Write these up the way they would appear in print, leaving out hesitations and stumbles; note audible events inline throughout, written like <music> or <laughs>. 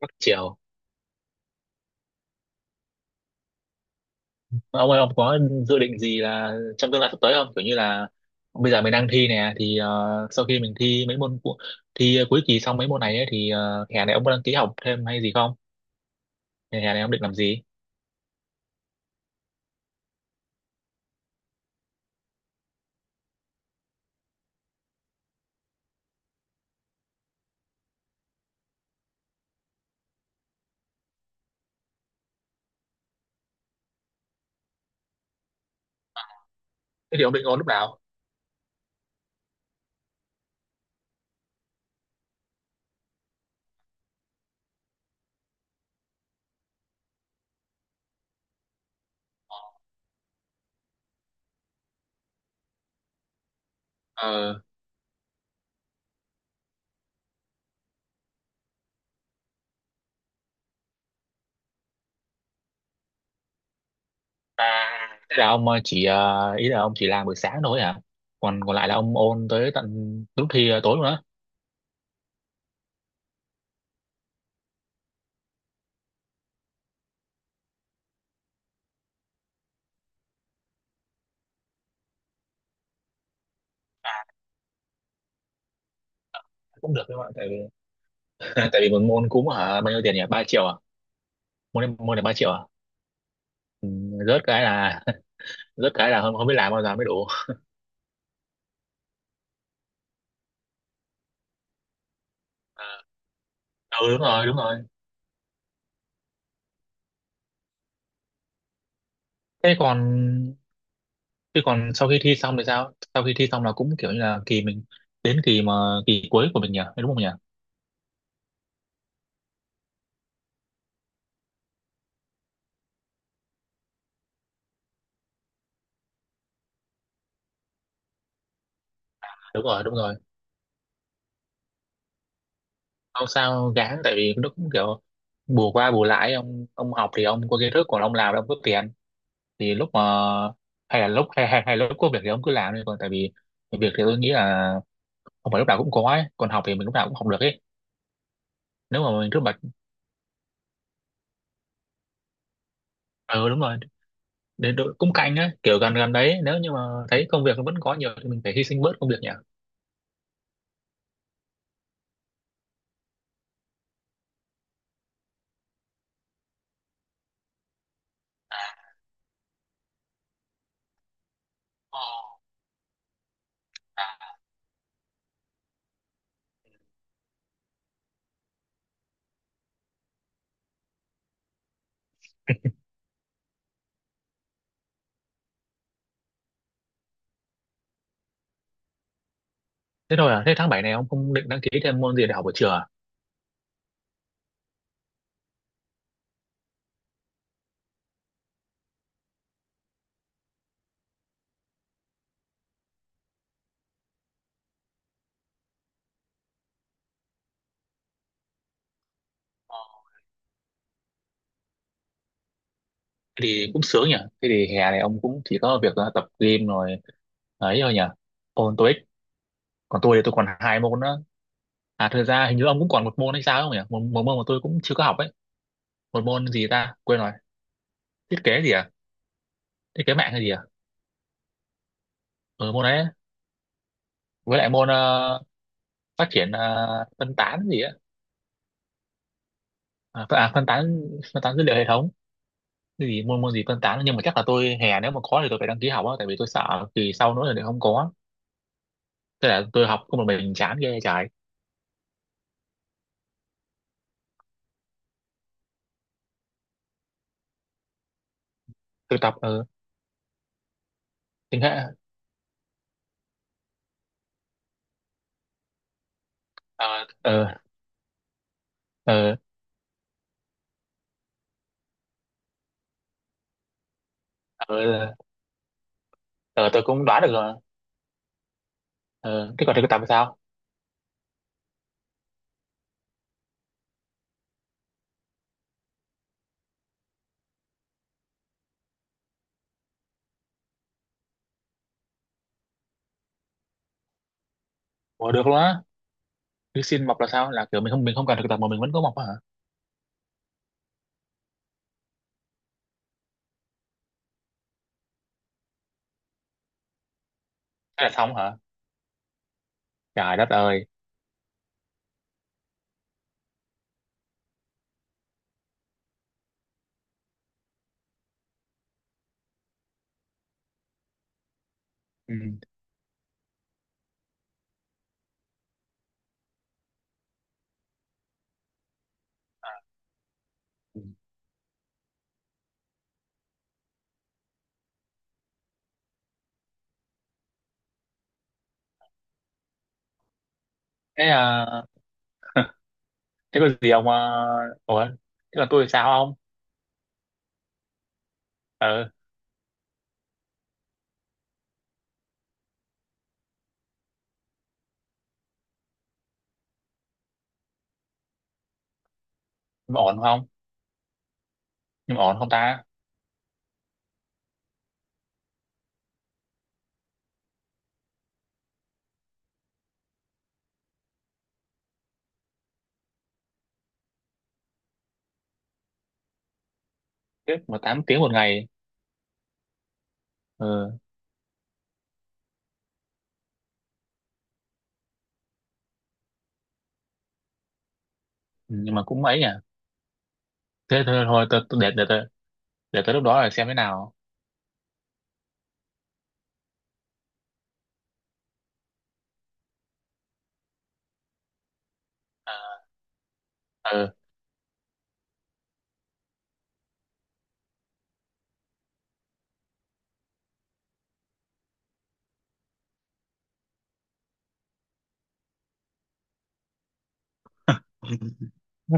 Bắc Triều, ông ơi, ông có dự định gì là trong tương lai sắp tới không? Kiểu như là bây giờ mình đang thi nè, thì sau khi mình thi mấy môn thi cuối kỳ xong mấy môn này ấy, thì hè này ông có đăng ký học thêm hay gì không? Hè hè này ông định làm gì? Thế thì ông định ôn lúc nào? Ờ, à, thế là ông chỉ ý là ông chỉ làm buổi sáng thôi hả? Còn còn lại là ông ôn tới tận lúc thi tối luôn á? À, cũng được các bạn, tại vì <laughs> tại vì một môn cúm hả, bao nhiêu tiền nhỉ, ba triệu à? Môn này, môn này ba triệu à? Ừ, rớt cái là <laughs> rớt cái là không, không biết làm bao giờ mới đủ. À, ừ, đúng rồi, đúng rồi. Thế còn thế còn sau khi thi xong thì sao? Sau khi thi xong là cũng kiểu như là kỳ mình, đến kỳ mà kỳ cuối của mình nhỉ, đúng không nhỉ? Đúng rồi, đúng rồi. Không sao gán, tại vì nó cũng kiểu bù qua bù lại. Ông học thì ông có kiến thức, còn ông làm thì ông có tiền. Thì lúc mà hay là lúc hay là lúc có việc thì ông cứ làm đi, còn tại vì việc thì tôi nghĩ là không phải lúc nào cũng có ấy, còn học thì mình lúc nào cũng học được ấy. Nếu mà mình cứ bật, ừ, đúng rồi, để đội cung cạnh á, kiểu gần gần đấy, nếu như mà thấy công việc nó vẫn có nhiều thì mình phải hy sinh bớt công việc nhỉ. Ờ, à, thế thôi à, thế tháng 7 này ông không định đăng ký thêm môn gì để học buổi trưa à? Ờ. Thế thì cũng sướng nhỉ. Thế thì hè này ông cũng chỉ có việc tập gym rồi ấy thôi nhỉ, ôn TOEIC. Còn tôi thì tôi còn hai môn nữa. À, thật ra hình như ông cũng còn một môn hay sao ấy, không nhỉ? Một môn mà tôi cũng chưa có học ấy, một môn gì ta quên rồi. Thiết kế gì à? Thiết kế mạng hay gì à? Ừ, môn đấy ấy. Với lại môn phát triển phân tán gì á. Phân tán, phân tán dữ liệu hệ thống. Cái gì, môn môn gì phân tán, nhưng mà chắc là tôi hè nếu mà có thì tôi phải đăng ký học á, tại vì tôi sợ kỳ sau nữa thì không có. Tức là tôi học không một mình, chán ghê trời. Tôi tập tiếng hệ. Ờ, ờ, ờ, ờ ờ, tôi cũng đoán được rồi. Ờ, thế còn thực tập thì sao? Ủa, được luôn á? Cứ xin mọc là sao, là kiểu mình không, mình không cần thực tập mà mình vẫn có mọc á hả? Thế là xong hả? Trời đất ơi. Ừ. Thế à, thế có gì ông à, ủa, thế còn tôi thì sao không? Ờ, nhưng mà ổn không? Nhưng mà ổn không ta? Tiếp mà 8 tiếng một ngày? Ờ, nhưng mà cũng ấy nhỉ. Thế thôi thôi, để tôi, để tới lúc đó là xem thế nào. À, ừ,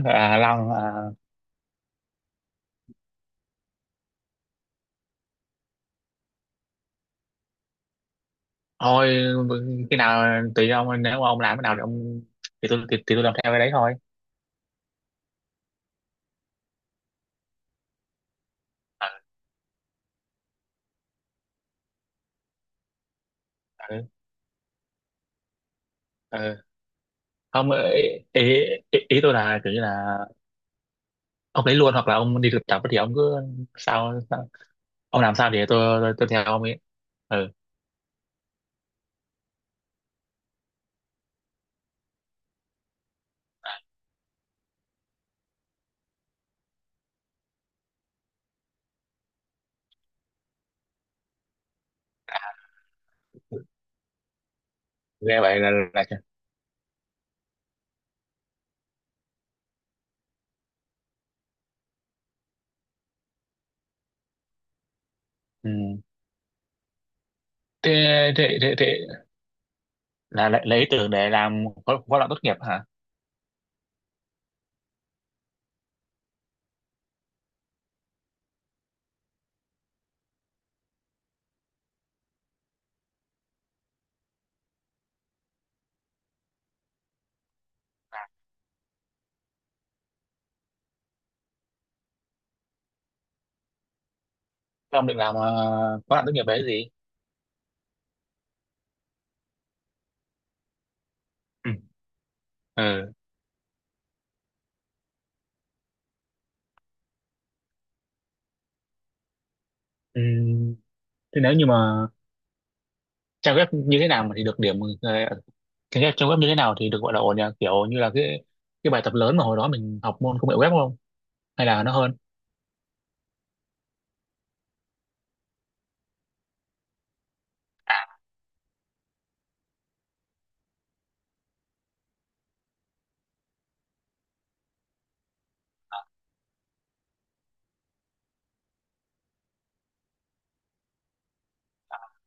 à, Long, à, thôi, khi nào tùy ông, nếu mà ông làm cái nào thì ông, thì tôi thì tôi làm theo cái đấy thôi. À, ừ, ừ. Không, ý, ý tôi là kiểu như là ông lấy luôn, hoặc là ông đi thực tập thì ông cứ, sao ông làm sao thì tôi theo ông ấy. Ừ, nghe vậy là, ừ. thế, Thế là lấy ý tưởng để làm khóa khóa luận tốt nghiệp hả? Thế ông định làm khóa luận tốt nghiệp đấy gì? Ừ. Ừ. Ừ, thế nếu như mà trang web như thế nào mà thì được điểm? ờ, cái trang web như thế nào thì được gọi là ổn nhỉ? Kiểu như là cái bài tập lớn mà hồi đó mình học môn công nghệ web không, hay là nó hơn? À,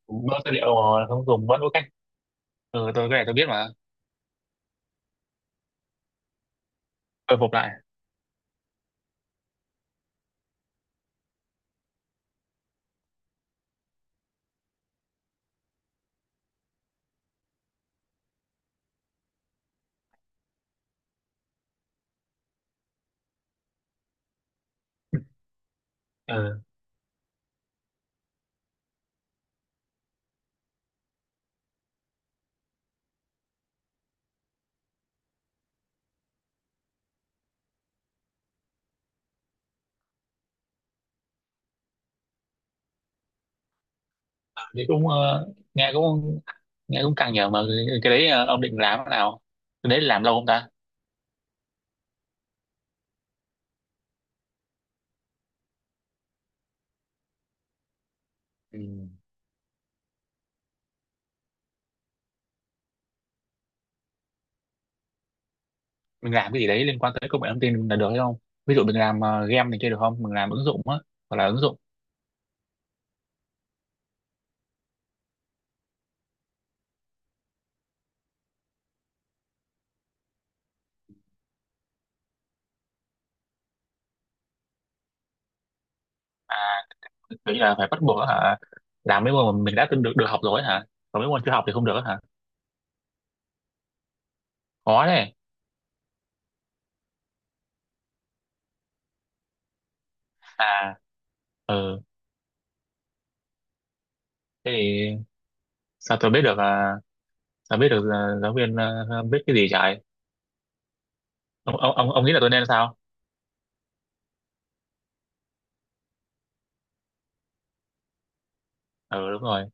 cũng có tư liệu mà không dùng vẫn có cách. Ừ, tôi cái này tôi biết mà. Khôi phục lại. Ừ, thì cũng nghe cũng, nghe cũng căng nhở, mà cái đấy ông định làm thế nào? Cái đấy làm lâu không ta? Ừ. Mình làm cái gì đấy liên quan tới công nghệ thông tin là được hay không? Ví dụ mình làm game này kia được không, mình làm ứng dụng á, hoặc là ứng dụng kiểu như là phải bắt buộc á hả? Làm mấy môn mà mình đã từng được được học rồi á hả, còn mấy môn chưa học thì không được á hả? Khó đấy. À, ừ, thế thì sao tôi biết được, à, sao biết được, à, giáo viên à, biết cái gì trời. Ông nghĩ là tôi nên sao? Ừ, đúng rồi.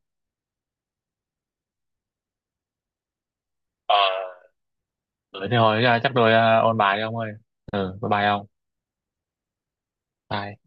Ờ, ừ, thế thôi à, chắc tôi à, ôn bài đi ông ơi. Ừ, bye bye ông. Bye.